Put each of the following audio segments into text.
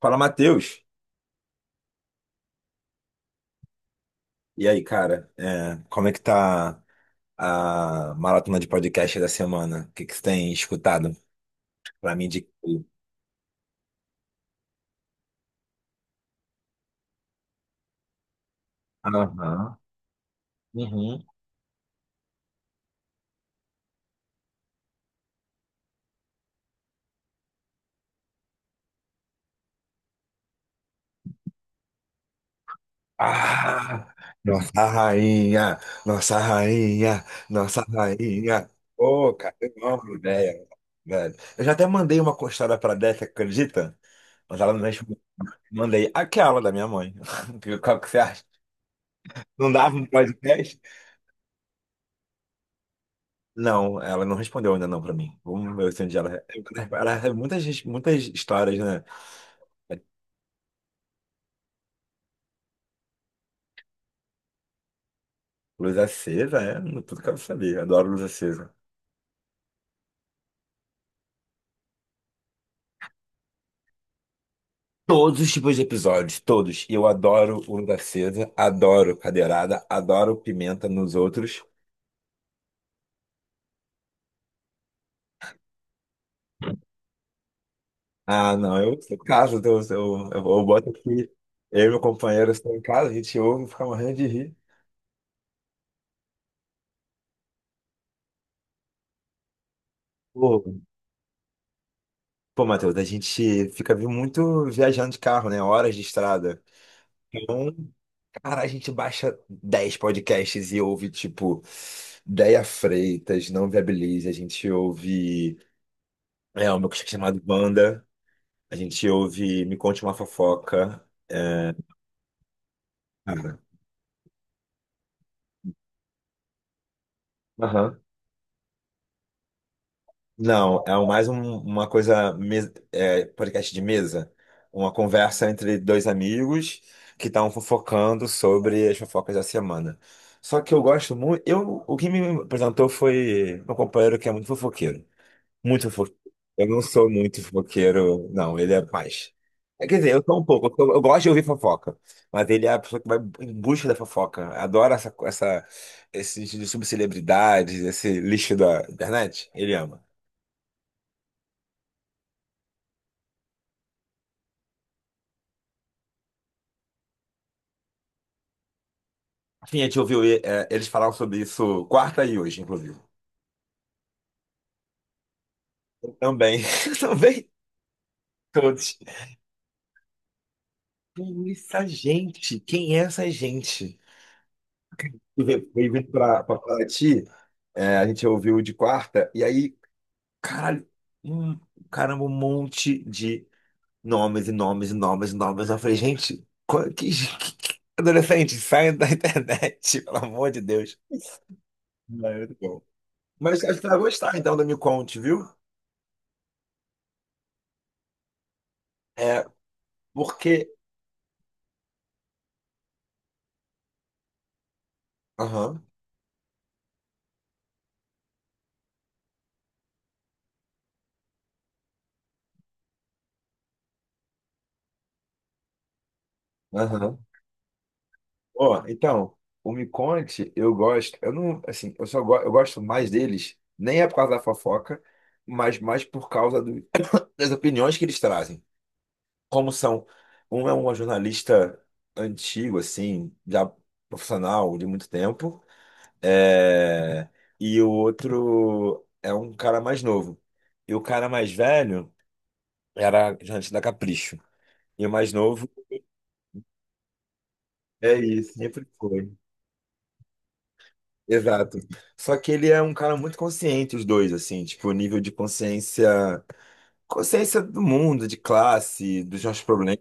Fala, Matheus. E aí, cara, como é que tá a maratona de podcast da semana? O que que você tem escutado pra mim de... Aham. Uhum. Ah, nossa rainha, nossa rainha, nossa rainha. Ô, cara, eu amo ideia, velho. Eu já até mandei uma costada pra Décia, acredita? Mas ela não respondeu. Mandei aquela da minha mãe. Qual que você acha? Não dava um podcast? Não, ela não respondeu ainda não para mim. Vamos ver se um dia ela recebe muitas, muitas histórias, né? É, luz acesa, é tudo que eu sabia. Adoro luz acesa. Todos os tipos de episódios, todos. Eu adoro o luz acesa, adoro cadeirada, adoro pimenta nos outros. Ah, não, eu sou em casa, então eu boto aqui. Eu e meu companheiro estamos em casa, a gente ouve e fica morrendo de rir. Pô, pô, Matheus, a gente fica muito viajando de carro, né? Horas de estrada. Então, cara, a gente baixa 10 podcasts e ouve, tipo, Déia Freitas, Não Viabilize. A gente ouve o meu cachorro chamado Banda. A gente ouve Me Conte Uma Fofoca. É, cara. Aham. Não, é mais uma coisa, podcast de mesa. Uma conversa entre dois amigos que estavam fofocando sobre as fofocas da semana. Só que eu gosto muito. Eu, o que me apresentou foi meu companheiro que é muito fofoqueiro. Muito fofoqueiro. Eu não sou muito fofoqueiro, não. Ele é mais. É, quer dizer, eu sou um pouco. Eu gosto de ouvir fofoca. Mas ele é a pessoa que vai em busca da fofoca. Adora essa, esse de subcelebridades, esse lixo da internet. Ele ama. Sim, a gente ouviu eles falaram sobre isso quarta e hoje, inclusive. Também. Também todos. Quem é essa gente? Quem é essa gente? E veio vindo pra, pra Paraty, a gente ouviu de quarta, e aí caralho, hum, caramba, um monte de nomes e nomes e nomes e nomes. Eu falei, gente, qual- que- adolescente, saia da internet, pelo amor de Deus. Não, é muito bom. Mas acho que tu vai gostar, então, do Me Conte, viu? É, porque... Aham, aham. Ó, então, o Me Conte, eu gosto... Eu não, assim, eu gosto mais deles, nem é por causa da fofoca, mas mais por causa do- das opiniões que eles trazem. Como são. Um é uma jornalista antigo, assim, já profissional de muito tempo, é, e o outro é um cara mais novo. E o cara mais velho era jornalista da Capricho. E o mais novo é isso, sempre foi. Exato. Só que ele é um cara muito consciente, os dois, assim, tipo, o nível de consciência. Consciência do mundo, de classe, dos nossos problemas.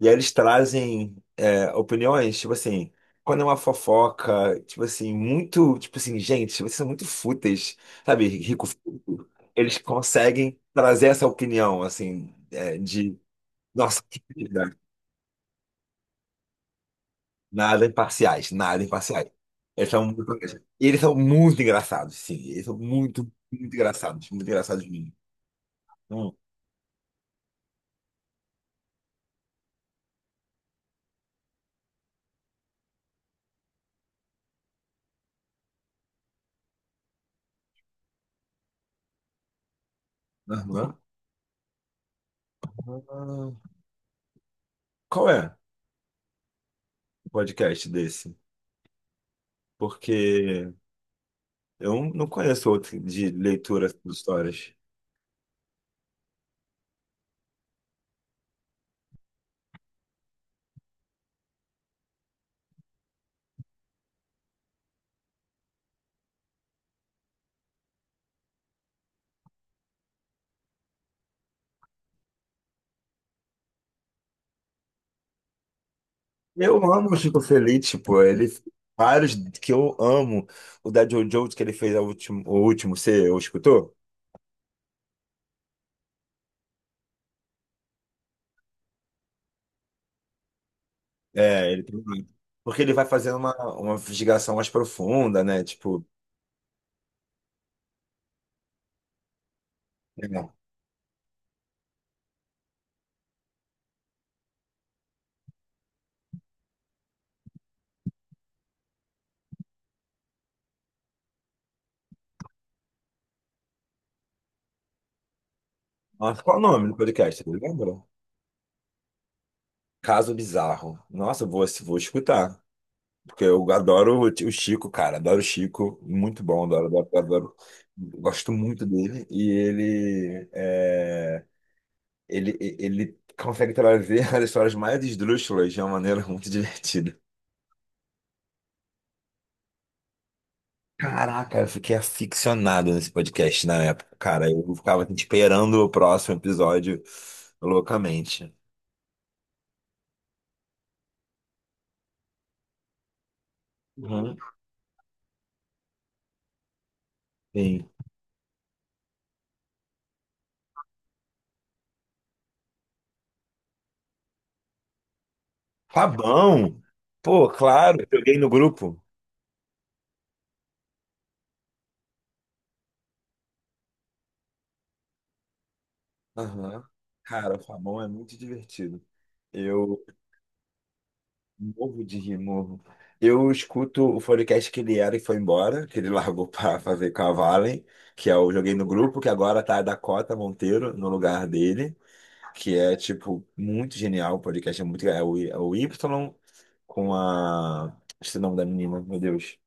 E aí eles trazem é, opiniões, tipo assim, quando é uma fofoca, tipo assim, muito, tipo assim, gente, vocês são muito fúteis, sabe? Rico, fútil. Eles conseguem trazer essa opinião, assim, é, de, nossa, que vida. Nada imparciais, nada imparciais. Eles são muito, e eles são muito engraçados, sim, eles são muito, muito engraçados mesmo. Hum. Aham. Ah, qual é? Podcast desse, porque eu não conheço outro de leitura de histórias. Eu amo o Chico Feliz, tipo, ele vários que eu amo. O da JoJo que ele fez a último, o último, você escutou? É, ele tem porque ele vai fazendo uma investigação mais profunda, né? Tipo, é. Nossa, qual é o nome do podcast? Você lembra? Caso Bizarro. Nossa, eu vou, vou escutar. Porque eu adoro o tio Chico, cara. Adoro o Chico. Muito bom, adoro, adoro, adoro. Gosto muito dele. E ele, é, ele consegue trazer as histórias mais esdrúxulas de uma maneira muito divertida. Caraca, eu fiquei aficionado nesse podcast na época, cara. Eu ficava assim, esperando o próximo episódio loucamente. Uhum. Sim. Fabão! Pô, claro, eu joguei no grupo. Aham. Cara, o Fabão é muito divertido. Eu novo de Rio Novo. Eu escuto o podcast que ele era e foi embora, que ele largou para fazer com a Valen, que eu joguei no grupo, que agora tá a Dakota Monteiro no lugar dele, que é, tipo, muito genial. O podcast é muito. É o, é o Y com a. Esse nome da menina, meu Deus.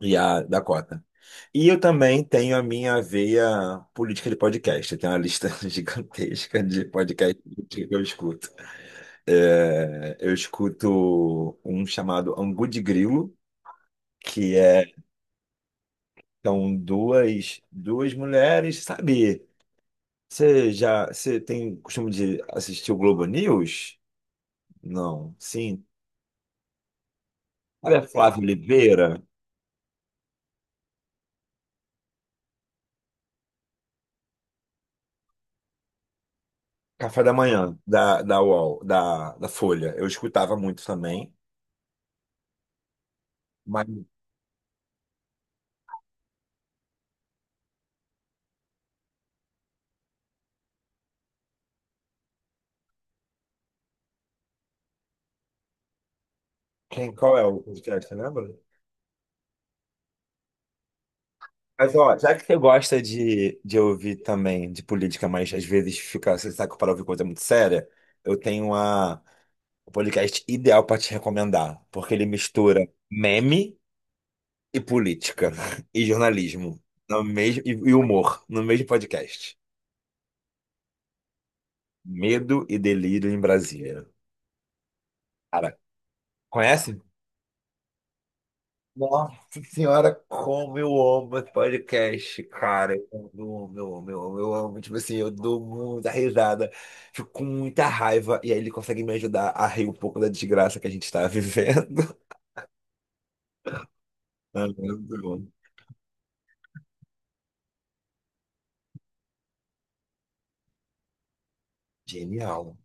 E a Dakota. E eu também tenho a minha veia política de podcast. Eu tenho uma lista gigantesca de podcasts que eu escuto. É, eu escuto um chamado Angu de Grilo, que é, são duas, duas mulheres, sabe? Você já, você tem costume de assistir o Globo News? Não, sim. Olha, Flávio Oliveira, Café da Manhã, da UOL, da Folha. Eu escutava muito também. Mas quem, qual é o podcast, você lembra? Mas, ó, já que você gosta de ouvir também de política, mas às vezes fica, você sabe que para ouvir coisa muito séria, eu tenho a... O podcast ideal para te recomendar, porque ele mistura meme e política e jornalismo no mesmo e humor no mesmo podcast. Medo e Delírio em Brasília. Cara, conhece? Nossa senhora, como eu amo esse podcast, cara. Eu amo, eu amo, eu amo, eu amo. Tipo assim, eu dou muita risada, fico com muita raiva, e aí ele consegue me ajudar a rir um pouco da desgraça que a gente está vivendo. Ah, meu Deus. Genial.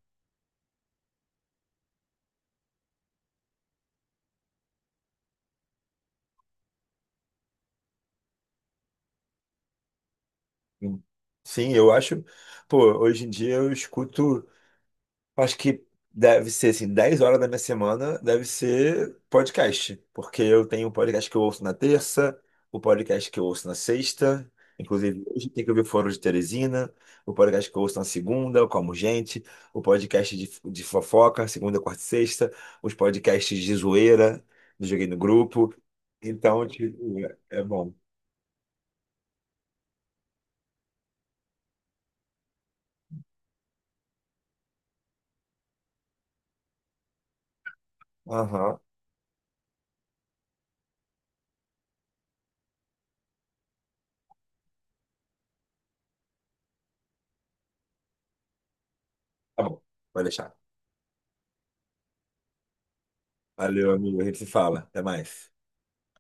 Sim, eu acho. Pô, hoje em dia eu escuto. Acho que deve ser assim, 10 horas da minha semana deve ser podcast. Porque eu tenho um podcast que eu ouço na terça, o podcast que eu ouço na sexta. Inclusive, hoje tem que ouvir Foro de Teresina, o podcast que eu ouço na segunda, eu como gente, o podcast de fofoca, segunda, quarta e sexta, os podcasts de zoeira, do Joguei no Grupo. Então, tipo, é bom. Aham, tá bom, vai deixar. Valeu, amigo. A gente se fala. Até mais.